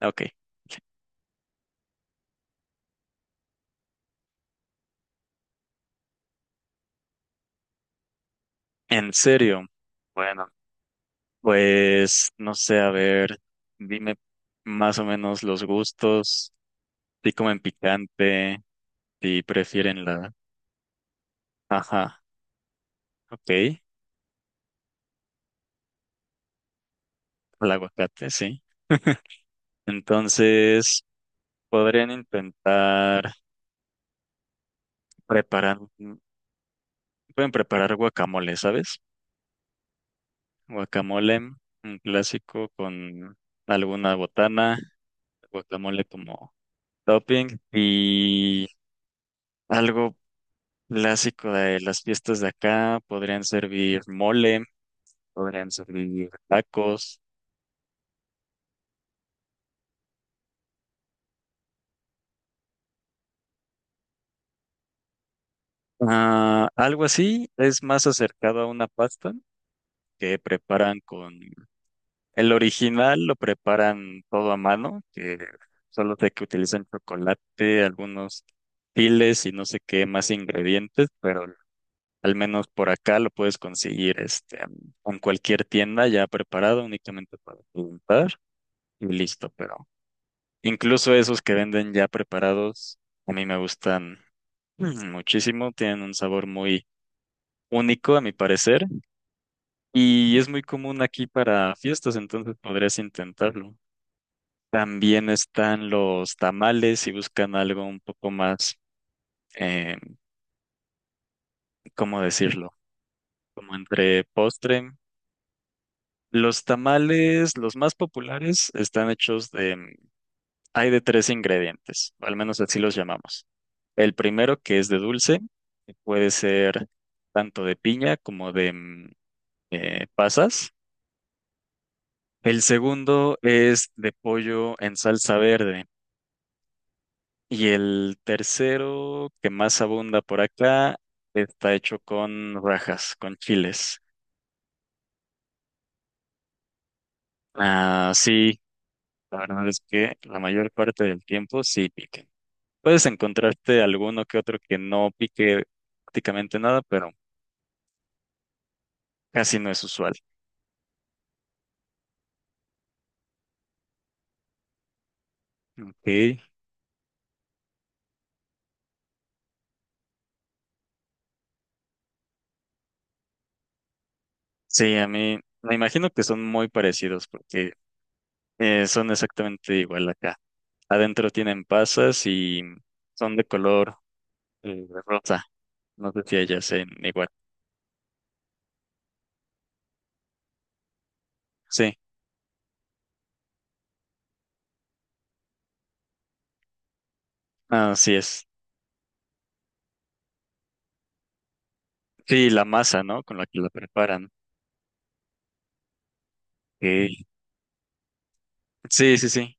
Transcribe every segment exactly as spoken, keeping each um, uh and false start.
Ok, en serio. Bueno, pues no sé, a ver, dime más o menos los gustos, si comen picante, si prefieren la. Ajá, ok, el aguacate, sí. Entonces, podrían intentar preparar, pueden preparar guacamole, ¿sabes? Guacamole, un clásico con alguna botana, guacamole como topping y. Algo clásico de las fiestas de acá, podrían servir mole, podrían servir tacos, ah, algo así, es más acercado a una pasta que preparan con el original, lo preparan todo a mano, que solo sé que utilizan chocolate, algunos chiles y no sé qué más ingredientes, pero al menos por acá lo puedes conseguir este en cualquier tienda ya preparado únicamente para preguntar y listo, pero incluso esos que venden ya preparados, a mí me gustan mm, muchísimo, tienen un sabor muy único a mi parecer y es muy común aquí para fiestas, entonces podrías intentarlo. También están los tamales si buscan algo un poco más, eh, ¿cómo decirlo? Como entre postre. Los tamales, los más populares, están hechos de, hay de tres ingredientes, o al menos así los llamamos. El primero, que es de dulce, que puede ser tanto de piña como de mm, eh, pasas. El segundo es de pollo en salsa verde. Y el tercero, que más abunda por acá, está hecho con rajas, con chiles. Ah, sí, la verdad es que la mayor parte del tiempo sí pique. Puedes encontrarte alguno que otro que no pique prácticamente nada, pero casi no es usual. Ok. Sí, a mí me imagino que son muy parecidos porque eh, son exactamente igual acá. Adentro tienen pasas y son de color eh, rosa. No sé si ellas sean igual. Sí, así es. Sí, la masa, ¿no? Con la que la preparan. Sí, sí, sí, sí.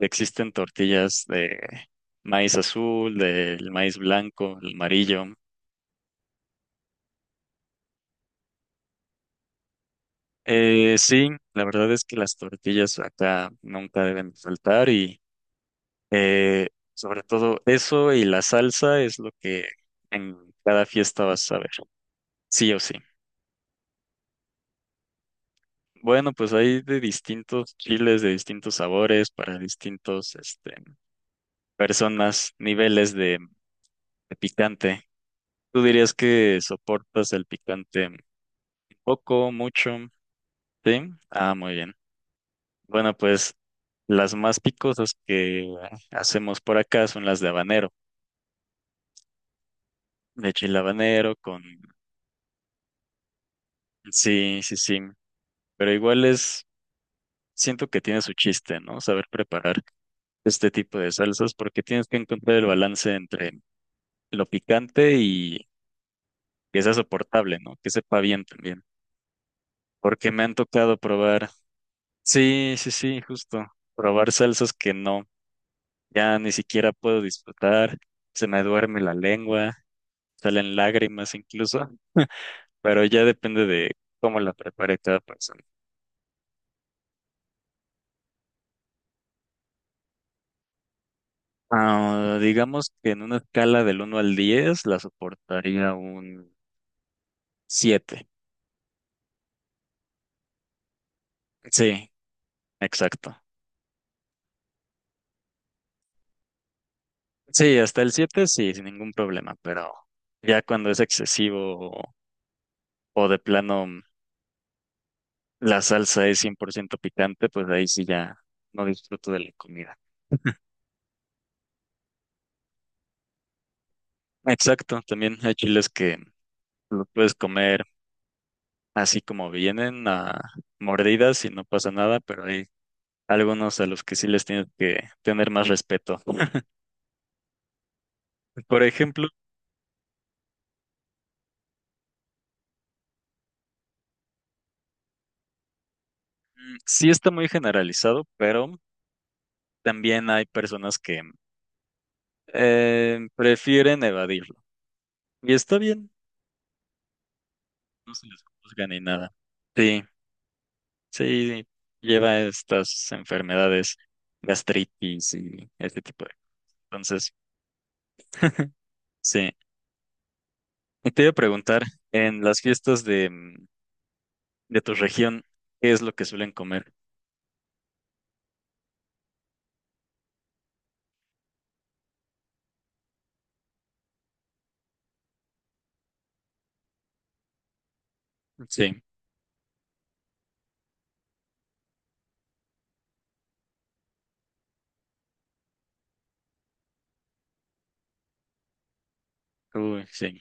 Existen tortillas de maíz azul, del maíz blanco, el amarillo. Eh, sí, la verdad es que las tortillas acá nunca deben faltar. Eh, sobre todo eso y la salsa es lo que en cada fiesta vas a ver, sí o sí. Bueno, pues hay de distintos chiles, de distintos sabores, para distintos, este, personas, niveles de, de picante. ¿Tú dirías que soportas el picante poco, mucho? Sí. Ah, muy bien. Bueno, pues las más picosas que hacemos por acá son las de habanero, de chile habanero con. Sí, sí, sí. Pero igual es siento que tiene su chiste, ¿no? Saber preparar este tipo de salsas porque tienes que encontrar el balance entre lo picante y que sea soportable, ¿no? Que sepa bien también. Porque me han tocado probar, sí, sí, sí, justo, probar salsas que no, ya ni siquiera puedo disfrutar, se me duerme la lengua, salen lágrimas incluso, pero ya depende de cómo la prepare cada persona. Ah, digamos que en una escala del uno al diez la soportaría un siete. Sí, exacto. Sí, hasta el siete sí, sin ningún problema, pero ya cuando es excesivo o, o de plano mm, la salsa es cien por ciento picante, pues ahí sí ya no disfruto de la comida. Exacto, también hay chiles que los puedes comer así como vienen, a mordidas y no pasa nada, pero hay algunos a los que sí les tienes que tener más respeto. Por ejemplo, mm, sí está muy generalizado, pero también hay personas que eh, prefieren evadirlo. Y está bien, no se les juzga ni nada. Sí, sí, lleva estas enfermedades, gastritis y este tipo de. Entonces, sí. Y te iba a preguntar, en las fiestas de, mm, de tu región, ¿qué es lo que suelen comer? Sí, uy, sí.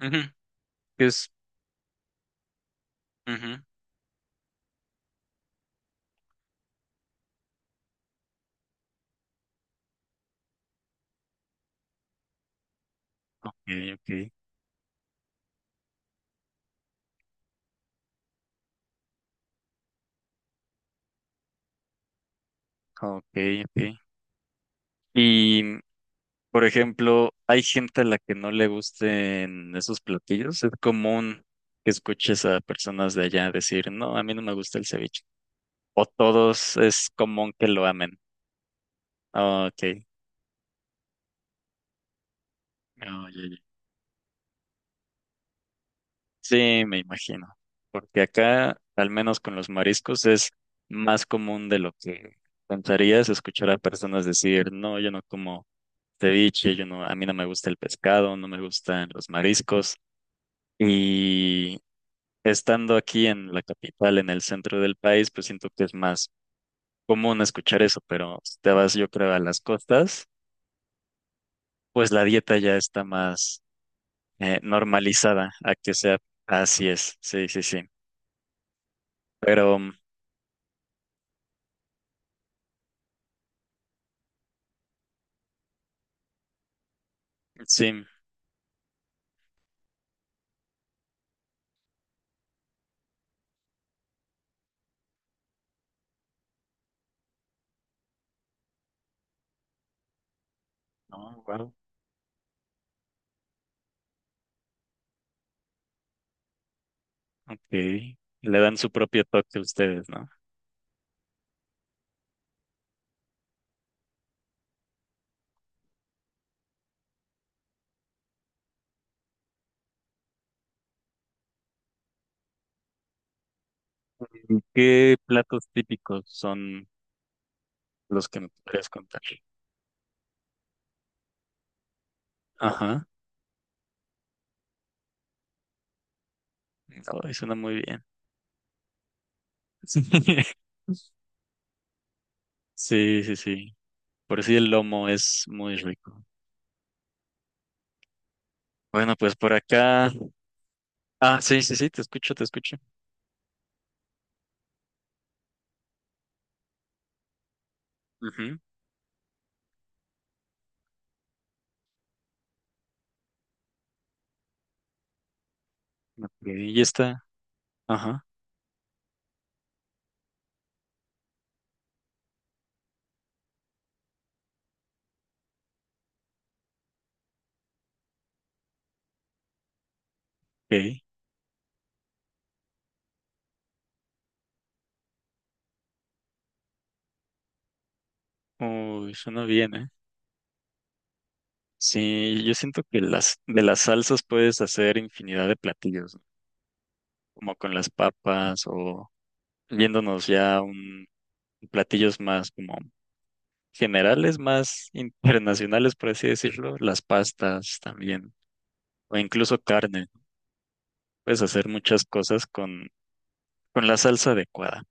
Ujú, ¿qué es? Ujú, ok, ok, ok, ok. Y por ejemplo, hay gente a la que no le gusten esos platillos. Es común que escuches a personas de allá decir, no, a mí no me gusta el ceviche. O todos es común que lo amen. Ah, ok. Ah, ya, ya. Sí, me imagino. Porque acá, al menos con los mariscos, es más común de lo que pensarías escuchar a personas decir, no, yo no como ceviche, yo no, a mí no me gusta el pescado, no me gustan los mariscos. Y estando aquí en la capital, en el centro del país, pues siento que es más común escuchar eso, pero si te vas, yo creo, a las costas, pues la dieta ya está más eh, normalizada a que sea así es, sí, sí, sí. Pero mm, sí, no, wow, ok. Le dan su propio toque a ustedes, ¿no? ¿Y ¿Qué platos típicos son los que me podrías contar? Ajá, no, suena muy bien. Sí, sí, sí. Por si el lomo es muy rico. Bueno, pues por acá. Ah, sí, sí, sí, te escucho, te escucho. Ujú. Ok, ya está. Ajá, ok. Uy, suena bien, ¿eh? Sí, yo siento que las de las salsas puedes hacer infinidad de platillos, ¿no? Como con las papas o yéndonos ya a un platillos más como generales, más internacionales, por así decirlo, las pastas también, o incluso carne. Puedes hacer muchas cosas con, con la salsa adecuada.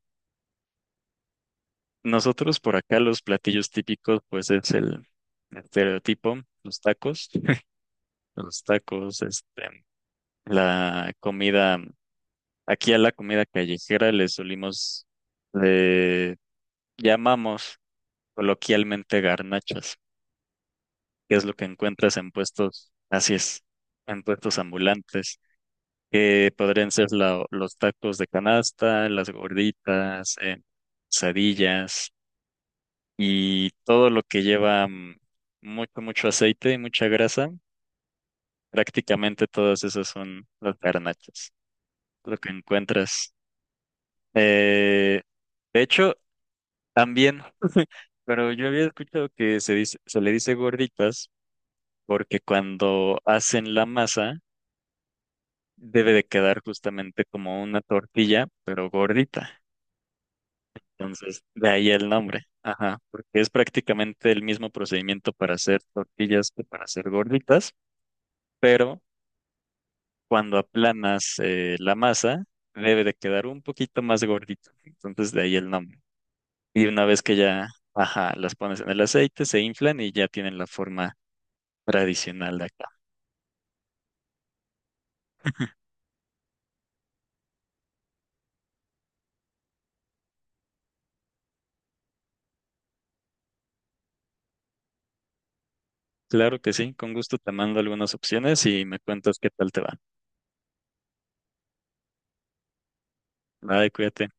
Nosotros por acá los platillos típicos, pues es el estereotipo, los tacos, los tacos, este, la comida, aquí a la comida callejera le solimos, le llamamos coloquialmente garnachas, que es lo que encuentras en puestos, así es, en puestos ambulantes, que podrían ser la- los tacos de canasta, las gorditas, eh, quesadillas y todo lo que lleva mm, mucho, mucho aceite y mucha grasa, prácticamente todas esas son las garnachas, lo que encuentras. Eh, de hecho, también, pero yo había escuchado que se dice, se le dice gorditas porque cuando hacen la masa debe de quedar justamente como una tortilla, pero gordita. Entonces, de ahí el nombre. Ajá, porque es prácticamente el mismo procedimiento para hacer tortillas que para hacer gorditas, pero cuando aplanas eh, la masa, debe de quedar un poquito más gordito. Entonces, de ahí el nombre. Y una vez que ya, ajá, las pones en el aceite, se inflan y ya tienen la forma tradicional de acá. Claro que sí, con gusto te mando algunas opciones y me cuentas qué tal te va. Nada, cuídate.